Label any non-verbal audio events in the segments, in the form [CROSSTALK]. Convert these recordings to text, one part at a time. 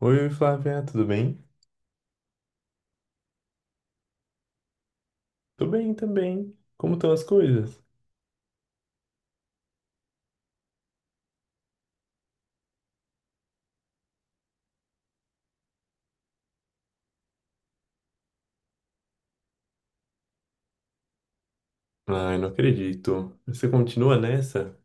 Oi, Flávia, tudo bem? Tô bem também. Como estão as coisas? Ai, não acredito. Você continua nessa?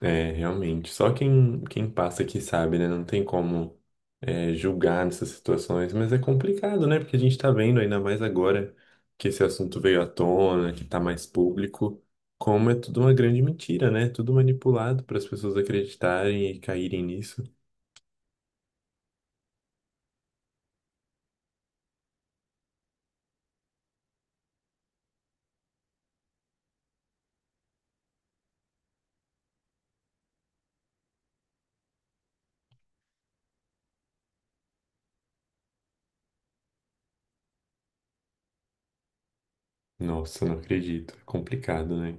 É, realmente. Só quem passa aqui sabe, né? Não tem como julgar nessas situações, mas é complicado, né? Porque a gente tá vendo, ainda mais agora que esse assunto veio à tona, que tá mais público, como é tudo uma grande mentira, né? Tudo manipulado para as pessoas acreditarem e caírem nisso. Nossa, não acredito. É complicado, né?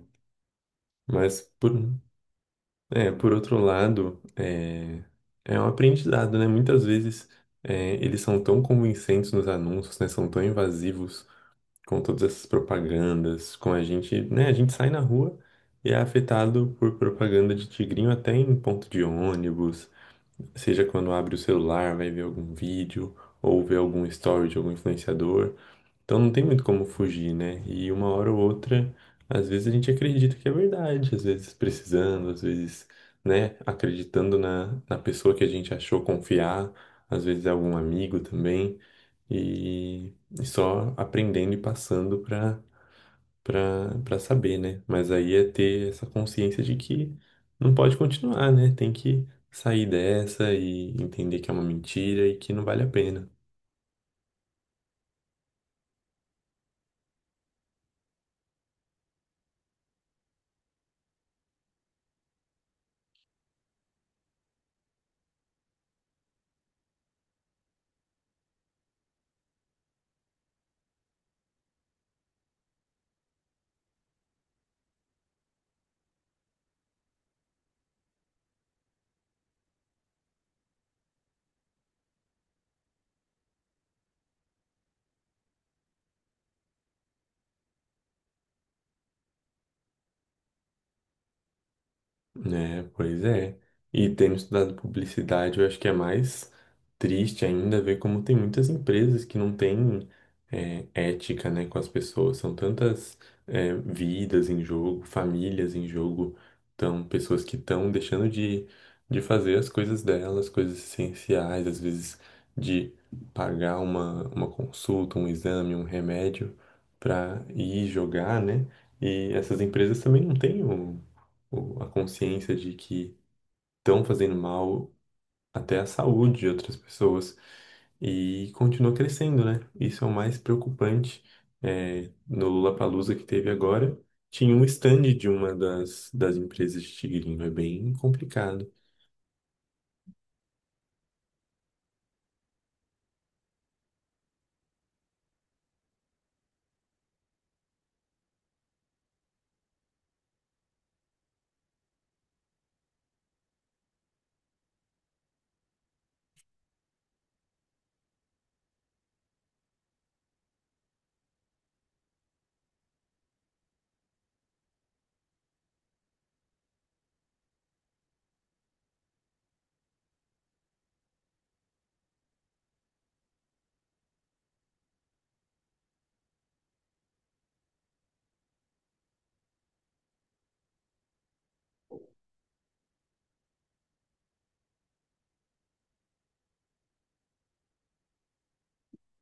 Mas por, por outro lado, é um aprendizado, né? Muitas vezes eles são tão convincentes nos anúncios, né? São tão invasivos com todas essas propagandas, com a gente, né? A gente sai na rua e é afetado por propaganda de tigrinho até em ponto de ônibus, seja quando abre o celular, vai ver algum vídeo ou vê algum story de algum influenciador. Então não tem muito como fugir, né? E uma hora ou outra, às vezes a gente acredita que é verdade, às vezes precisando, às vezes, né, acreditando na pessoa que a gente achou confiar, às vezes é algum amigo também, e, e só aprendendo e passando para saber, né? Mas aí é ter essa consciência de que não pode continuar, né? Tem que sair dessa e entender que é uma mentira e que não vale a pena. É, pois é. E tendo estudado publicidade, eu acho que é mais triste ainda ver como tem muitas empresas que não têm ética, né, com as pessoas. São tantas vidas em jogo, famílias em jogo, tão, pessoas que estão deixando de fazer as coisas delas, coisas essenciais, às vezes de pagar uma consulta, um exame, um remédio para ir jogar, né? E essas empresas também não têm a consciência de que estão fazendo mal até à saúde de outras pessoas e continua crescendo, né? Isso é o mais preocupante. É, no Lollapalooza que teve agora, tinha um stand de uma das empresas de tigrinho. É bem complicado.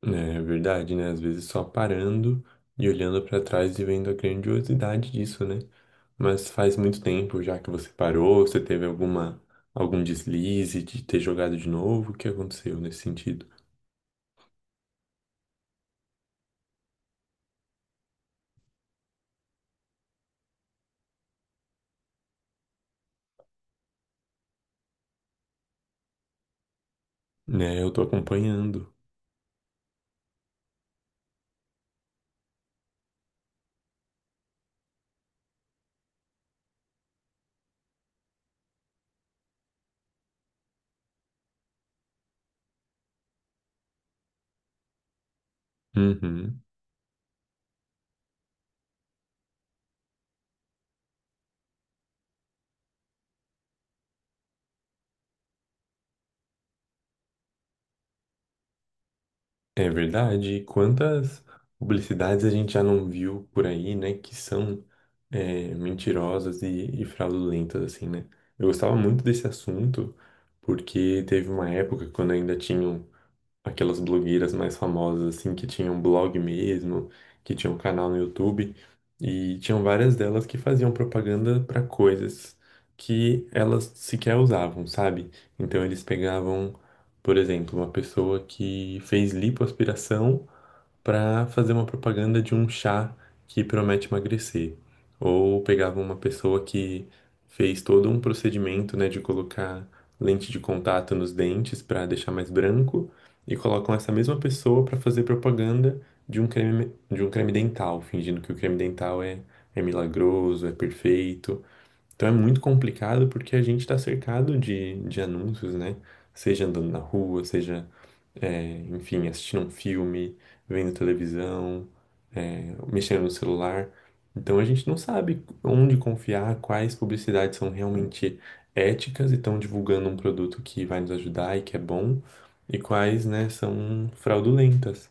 Né? É verdade, né? Às vezes só parando e olhando para trás e vendo a grandiosidade disso, né? Mas faz muito tempo já que você parou, você teve alguma algum deslize de ter jogado de novo, o que aconteceu nesse sentido? Né, eu tô acompanhando. Uhum. É verdade. Quantas publicidades a gente já não viu por aí, né? Que são mentirosas e fraudulentas, assim, né? Eu gostava muito desse assunto, porque teve uma época quando ainda tinham. Aquelas blogueiras mais famosas, assim, que tinham blog mesmo, que tinham canal no YouTube, e tinham várias delas que faziam propaganda para coisas que elas sequer usavam, sabe? Então eles pegavam, por exemplo, uma pessoa que fez lipoaspiração para fazer uma propaganda de um chá que promete emagrecer. Ou pegava uma pessoa que fez todo um procedimento, né, de colocar lente de contato nos dentes para deixar mais branco e colocam essa mesma pessoa para fazer propaganda de um creme dental, fingindo que o creme dental é milagroso, é perfeito. Então é muito complicado porque a gente está cercado de anúncios, né? Seja andando na rua, seja enfim, assistindo um filme, vendo televisão, mexendo no celular. Então a gente não sabe onde confiar, quais publicidades são realmente éticas e estão divulgando um produto que vai nos ajudar e que é bom, e quais, né, são fraudulentas.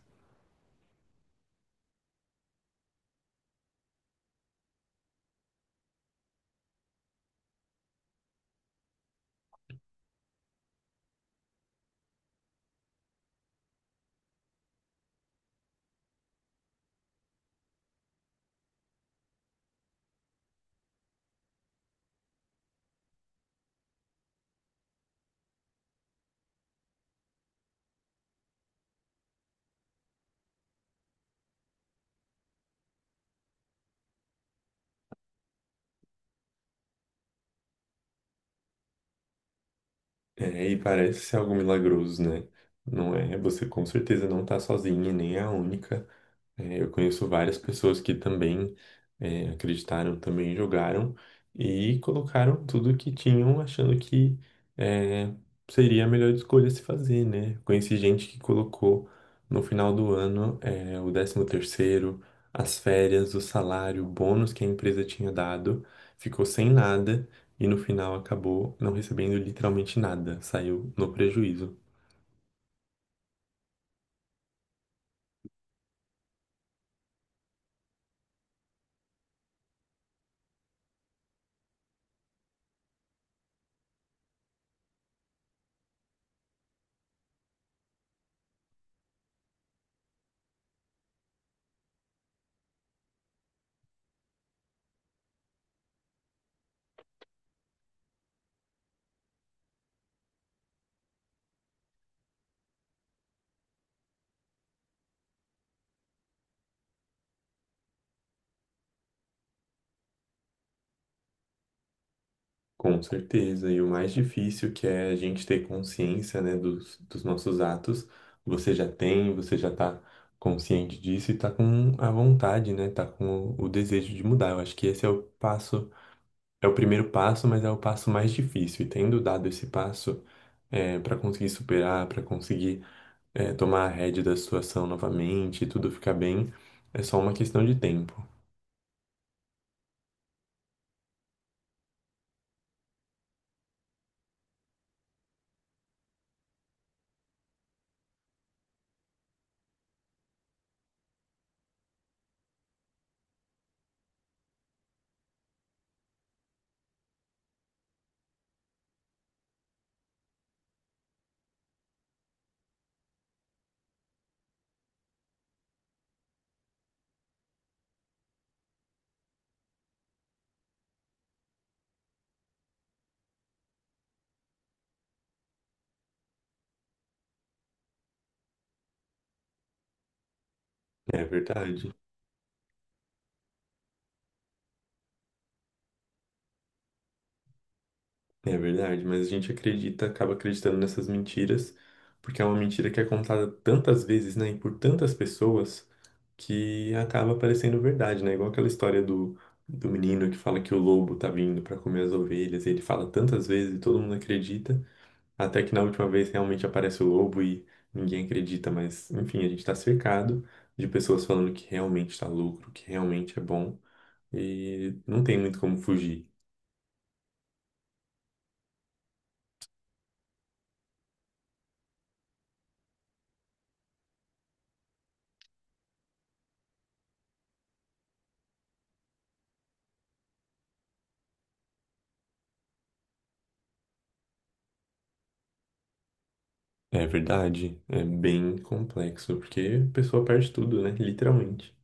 É, e parece ser algo milagroso, né? Não é, você com certeza não tá sozinha, e nem é a única. É, eu conheço várias pessoas que também acreditaram, também jogaram e colocaram tudo que tinham, achando que é, seria a melhor escolha a se fazer, né? Conheci gente que colocou no final do ano o décimo terceiro, as férias, o salário, o bônus que a empresa tinha dado, ficou sem nada e no final acabou não recebendo literalmente nada, saiu no prejuízo. Com certeza. E o mais difícil que é a gente ter consciência, né, dos, dos nossos atos, você já tem, você já tá consciente disso e tá com a vontade, né, tá com o desejo de mudar. Eu acho que esse é o passo, é o primeiro passo, mas é o passo mais difícil. E tendo dado esse passo, para conseguir superar, para conseguir, tomar a rédea da situação novamente e tudo ficar bem, é só uma questão de tempo. Né, é verdade. É verdade, mas a gente acredita, acaba acreditando nessas mentiras, porque é uma mentira que é contada tantas vezes, né, e por tantas pessoas, que acaba parecendo verdade, né? Igual aquela história do, do menino que fala que o lobo tá vindo pra comer as ovelhas, e ele fala tantas vezes e todo mundo acredita, até que na última vez realmente aparece o lobo e ninguém acredita, mas enfim, a gente tá cercado de pessoas falando que realmente tá lucro, que realmente é bom, e não tem muito como fugir. É verdade, é bem complexo, porque a pessoa perde tudo, né? Literalmente.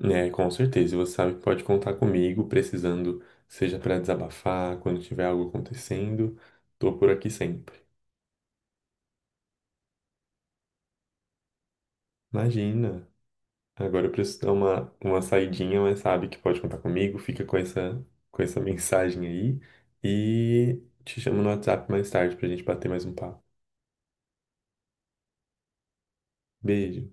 É, com certeza, e você sabe que pode contar comigo, precisando, seja para desabafar, quando tiver algo acontecendo, tô por aqui sempre. Imagina, agora eu preciso dar uma saidinha, mas sabe que pode contar comigo, fica com essa [LAUGHS] mensagem aí, e te chamo no WhatsApp mais tarde pra gente bater mais um papo. Beijo.